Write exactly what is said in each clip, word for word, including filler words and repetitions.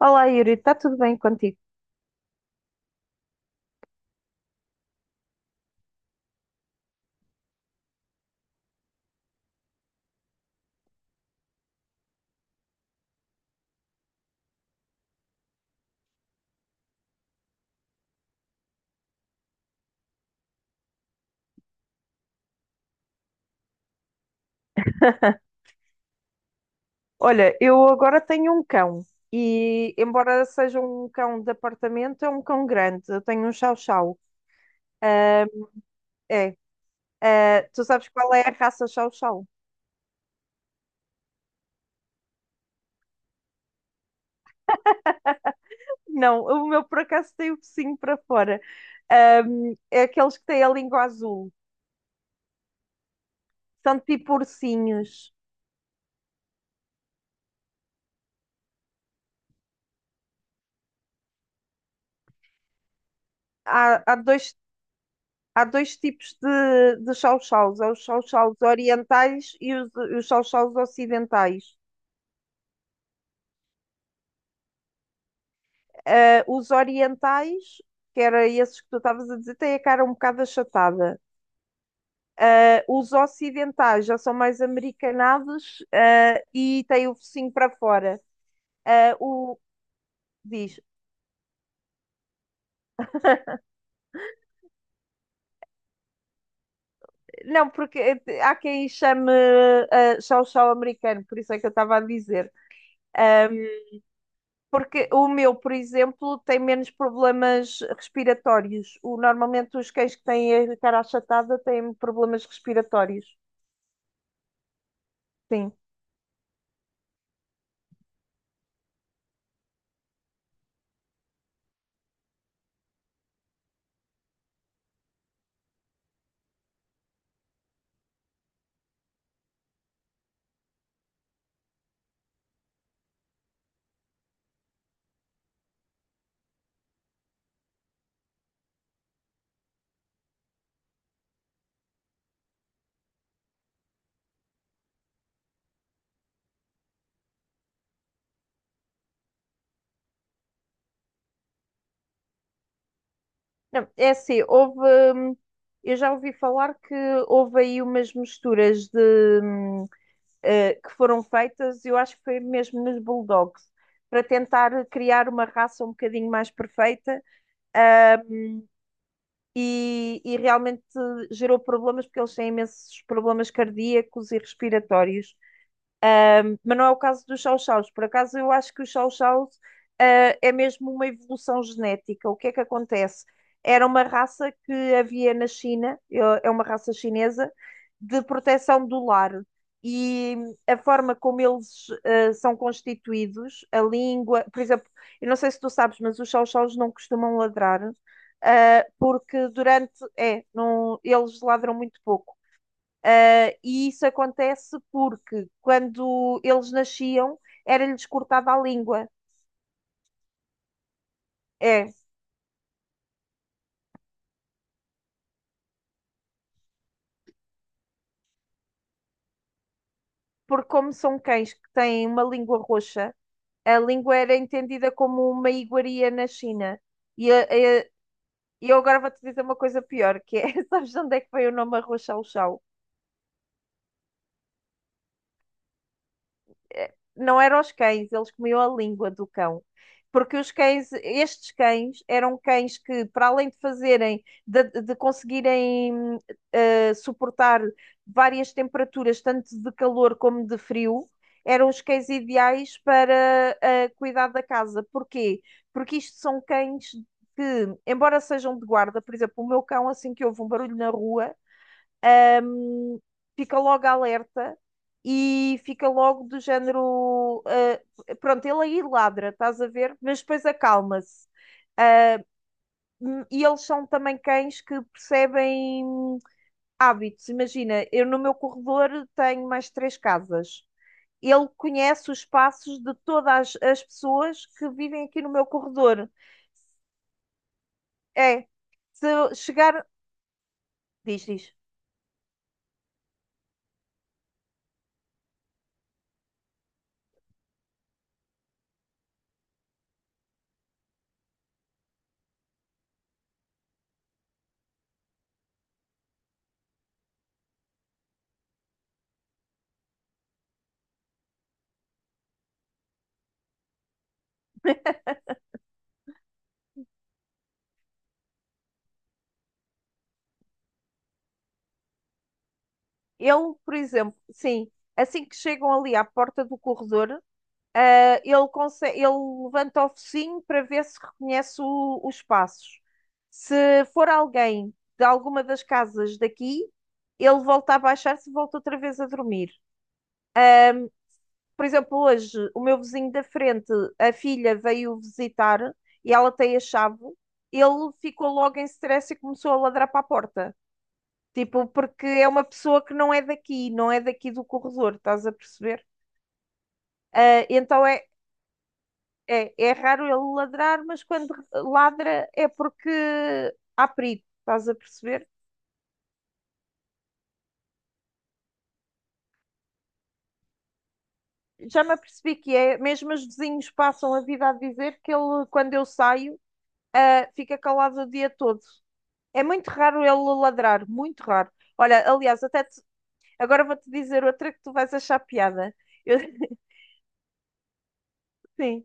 Olá, Yuri, está tudo bem contigo? Olha, eu agora tenho um cão e, embora seja um cão de apartamento, é um cão grande. Eu tenho um Chow Chow. Ah, é. Ah, tu sabes qual é a raça Chow Chow? Não, o meu por acaso tem o focinho para fora. Ah, é aqueles que têm a língua azul. São tipo ursinhos. Há, há dois, há dois tipos de, de Chow Chows: há os Chow Chows orientais e os, os Chow Chows ocidentais. Ah, os orientais, que era esses que tu estavas a dizer, têm a cara um bocado achatada. Ah, os ocidentais já são mais americanados, ah, e têm o focinho para fora. Ah, o diz, não, porque eh, há quem chame uh, chau chau americano, por isso é que eu estava a dizer. Ah, Porque o meu, por exemplo, tem menos problemas respiratórios. O, normalmente os cães que têm a cara achatada têm problemas respiratórios. Sim. Não, é assim, houve. hum, Eu já ouvi falar que houve aí umas misturas de, hum, eh, que foram feitas, eu acho que foi mesmo nos Bulldogs, para tentar criar uma raça um bocadinho mais perfeita, ah, e, e realmente gerou problemas, porque eles têm imensos problemas cardíacos e respiratórios. Um, mas não é o caso dos chow-chows. Por acaso, eu acho que os chow-chows, uh, é mesmo uma evolução genética. O que é que acontece? Era uma raça que havia na China, eu- é uma raça chinesa, de proteção do lar. E a forma como eles uh, são constituídos, a língua, por exemplo, eu não sei se tu sabes, mas os chow-chows não costumam ladrar, uh, porque durante, é, não, eles ladram muito pouco ah, e isso acontece porque quando eles nasciam era-lhes cortada a língua. É, porque como são cães que têm uma língua roxa, a língua era entendida como uma iguaria na China. E, a- a- e eu agora vou-te dizer uma coisa pior, que é, sabes de onde é que veio o nome Arroz Chau Chau? Eh, não eram os cães, eles comiam a língua do cão. Porque os cães, estes cães, eram cães que, para além de fazerem, de, de conseguirem eh, suportar várias temperaturas, tanto de calor como de frio, eram os cães ideais para eh, cuidar da casa. Porquê? Porque isto são cães que, embora sejam de guarda, por exemplo, o meu cão, assim que houve um barulho na rua, hum, fica logo alerta e fica logo do género. Ah, pronto, ele aí ladra, estás a ver? Mas depois acalma-se. Ah, hum, e eles são também cães que percebem hábitos. Imagina, eu no meu corredor tenho mais três casas. Ele conhece os passos de todas as as pessoas que vivem aqui no meu corredor. É, se eu chegar, diz, diz. Ele, por exemplo, sim, assim que chegam ali à porta do corredor, Ah, ele, conse- ele levanta o focinho para ver se reconhece o- os passos. Se for alguém de alguma das casas daqui, ele volta a baixar-se e volta outra vez a dormir. Por exemplo, hoje, o meu vizinho da frente, a filha veio visitar e ela tem a chave. Ele ficou logo em stress e começou a ladrar para a porta. Tipo, porque é uma pessoa que não é daqui, não é daqui do corredor, estás a perceber? Ah, então é, é, é raro ele ladrar, mas quando ladra é porque há perigo, estás a perceber? Já me apercebi que é, mesmo os vizinhos passam a vida a dizer que ele, quando eu saio, ah, fica calado o dia todo. É muito raro ele ladrar, muito raro. Olha, aliás, até te- agora vou-te dizer outra que tu vais achar piada. Eu- Sim,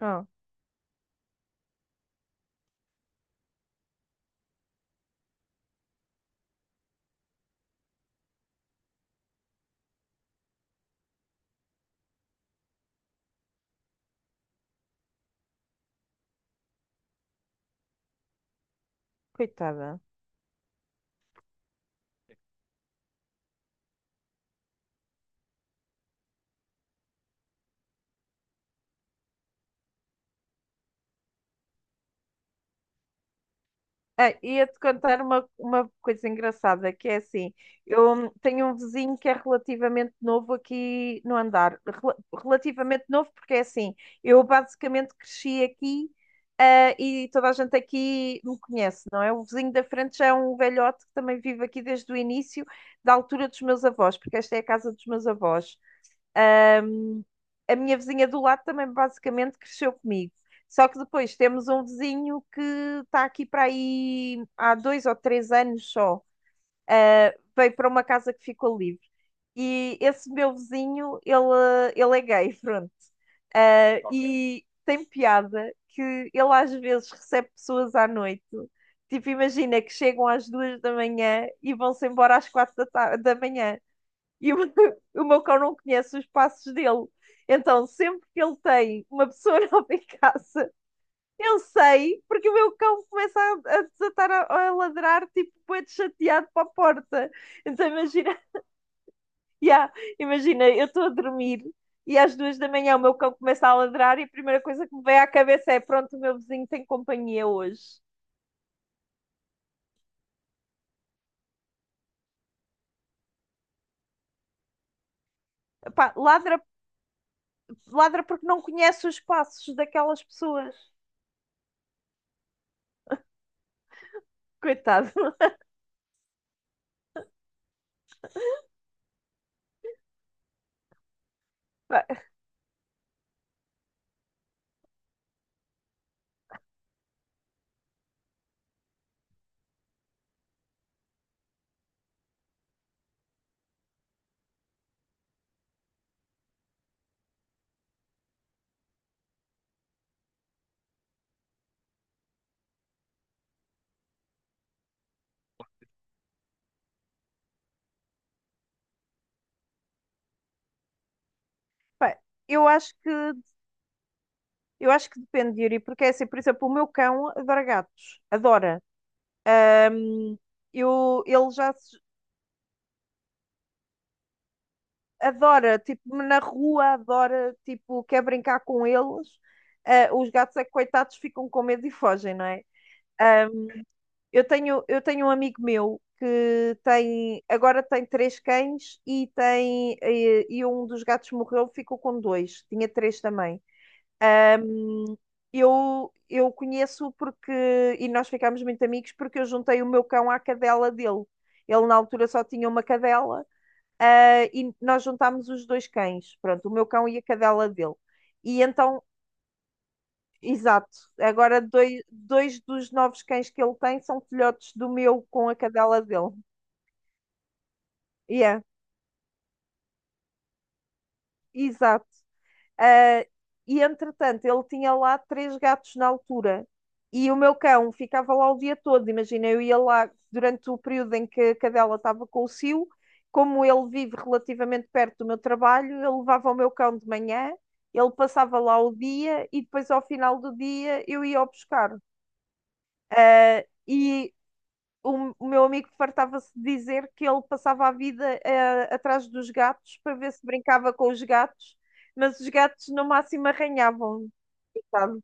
oh, coitada. Ah, ia-te contar uma, uma coisa engraçada, que é assim, eu tenho um vizinho que é relativamente novo aqui no andar. Rel- Relativamente novo porque é assim, eu basicamente cresci aqui, ah, e toda a gente aqui me conhece, não é? O vizinho da frente já é um velhote que também vive aqui desde o início, da altura dos meus avós, porque esta é a casa dos meus avós. A minha vizinha do lado também basicamente cresceu comigo. Só que depois temos um vizinho que está aqui para aí há dois ou três anos só. Ah, veio para uma casa que ficou livre. E esse meu vizinho, ele, ele é gay, pronto. Ah, ok. E tem piada que ele às vezes recebe pessoas à noite. Tipo, imagina que chegam às duas da manhã e vão-se embora às quatro da, ta- da manhã e o, o meu cão não conhece os passos dele. Então, sempre que ele tem uma pessoa nova em casa, eu sei, porque o meu cão começa a, a desatar a, a ladrar, tipo, bué de chateado para a porta. Então, imagina, yeah, imagina, eu estou a dormir e às duas da manhã o meu cão começa a ladrar e a primeira coisa que me vem à cabeça é: pronto, o meu vizinho tem companhia hoje. Epá, ladra, ladra porque não conhece os passos daquelas pessoas. Coitado. Epá, eu acho que Eu acho que depende, Yuri, porque é assim, por exemplo, o meu cão adora gatos, adora. Ahm, eu, ele já se- adora, tipo, na rua, adora, tipo, quer brincar com eles. Ah, os gatos é que, coitados, ficam com medo e fogem, não é? Ahm, eu tenho, eu tenho um amigo meu que tem, agora tem três cães e tem, eh, e um dos gatos morreu, ficou com dois, tinha três também. Ahm, eu, eu conheço porque, e nós ficámos muito amigos porque eu juntei o meu cão à cadela dele. Ele na altura só tinha uma cadela, ah, e nós juntámos os dois cães, pronto, o meu cão e a cadela dele. E então, exato, agora dois, dois dos novos cães que ele tem são filhotes do meu com a cadela dele. Yeah, exato. Ah, e entretanto, ele tinha lá três gatos na altura. E o meu cão ficava lá o dia todo. Imagina, eu ia lá durante o período em que a cadela estava com o cio. Como ele vive relativamente perto do meu trabalho, eu levava o meu cão de manhã, ele passava lá o dia e depois, ao final do dia, eu ia o buscar. Ah, e o, o meu amigo fartava-se de dizer que ele passava a vida eh, atrás dos gatos para ver se brincava com os gatos, mas os gatos no máximo arranhavam, sabe?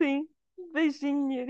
Sim, beijinho.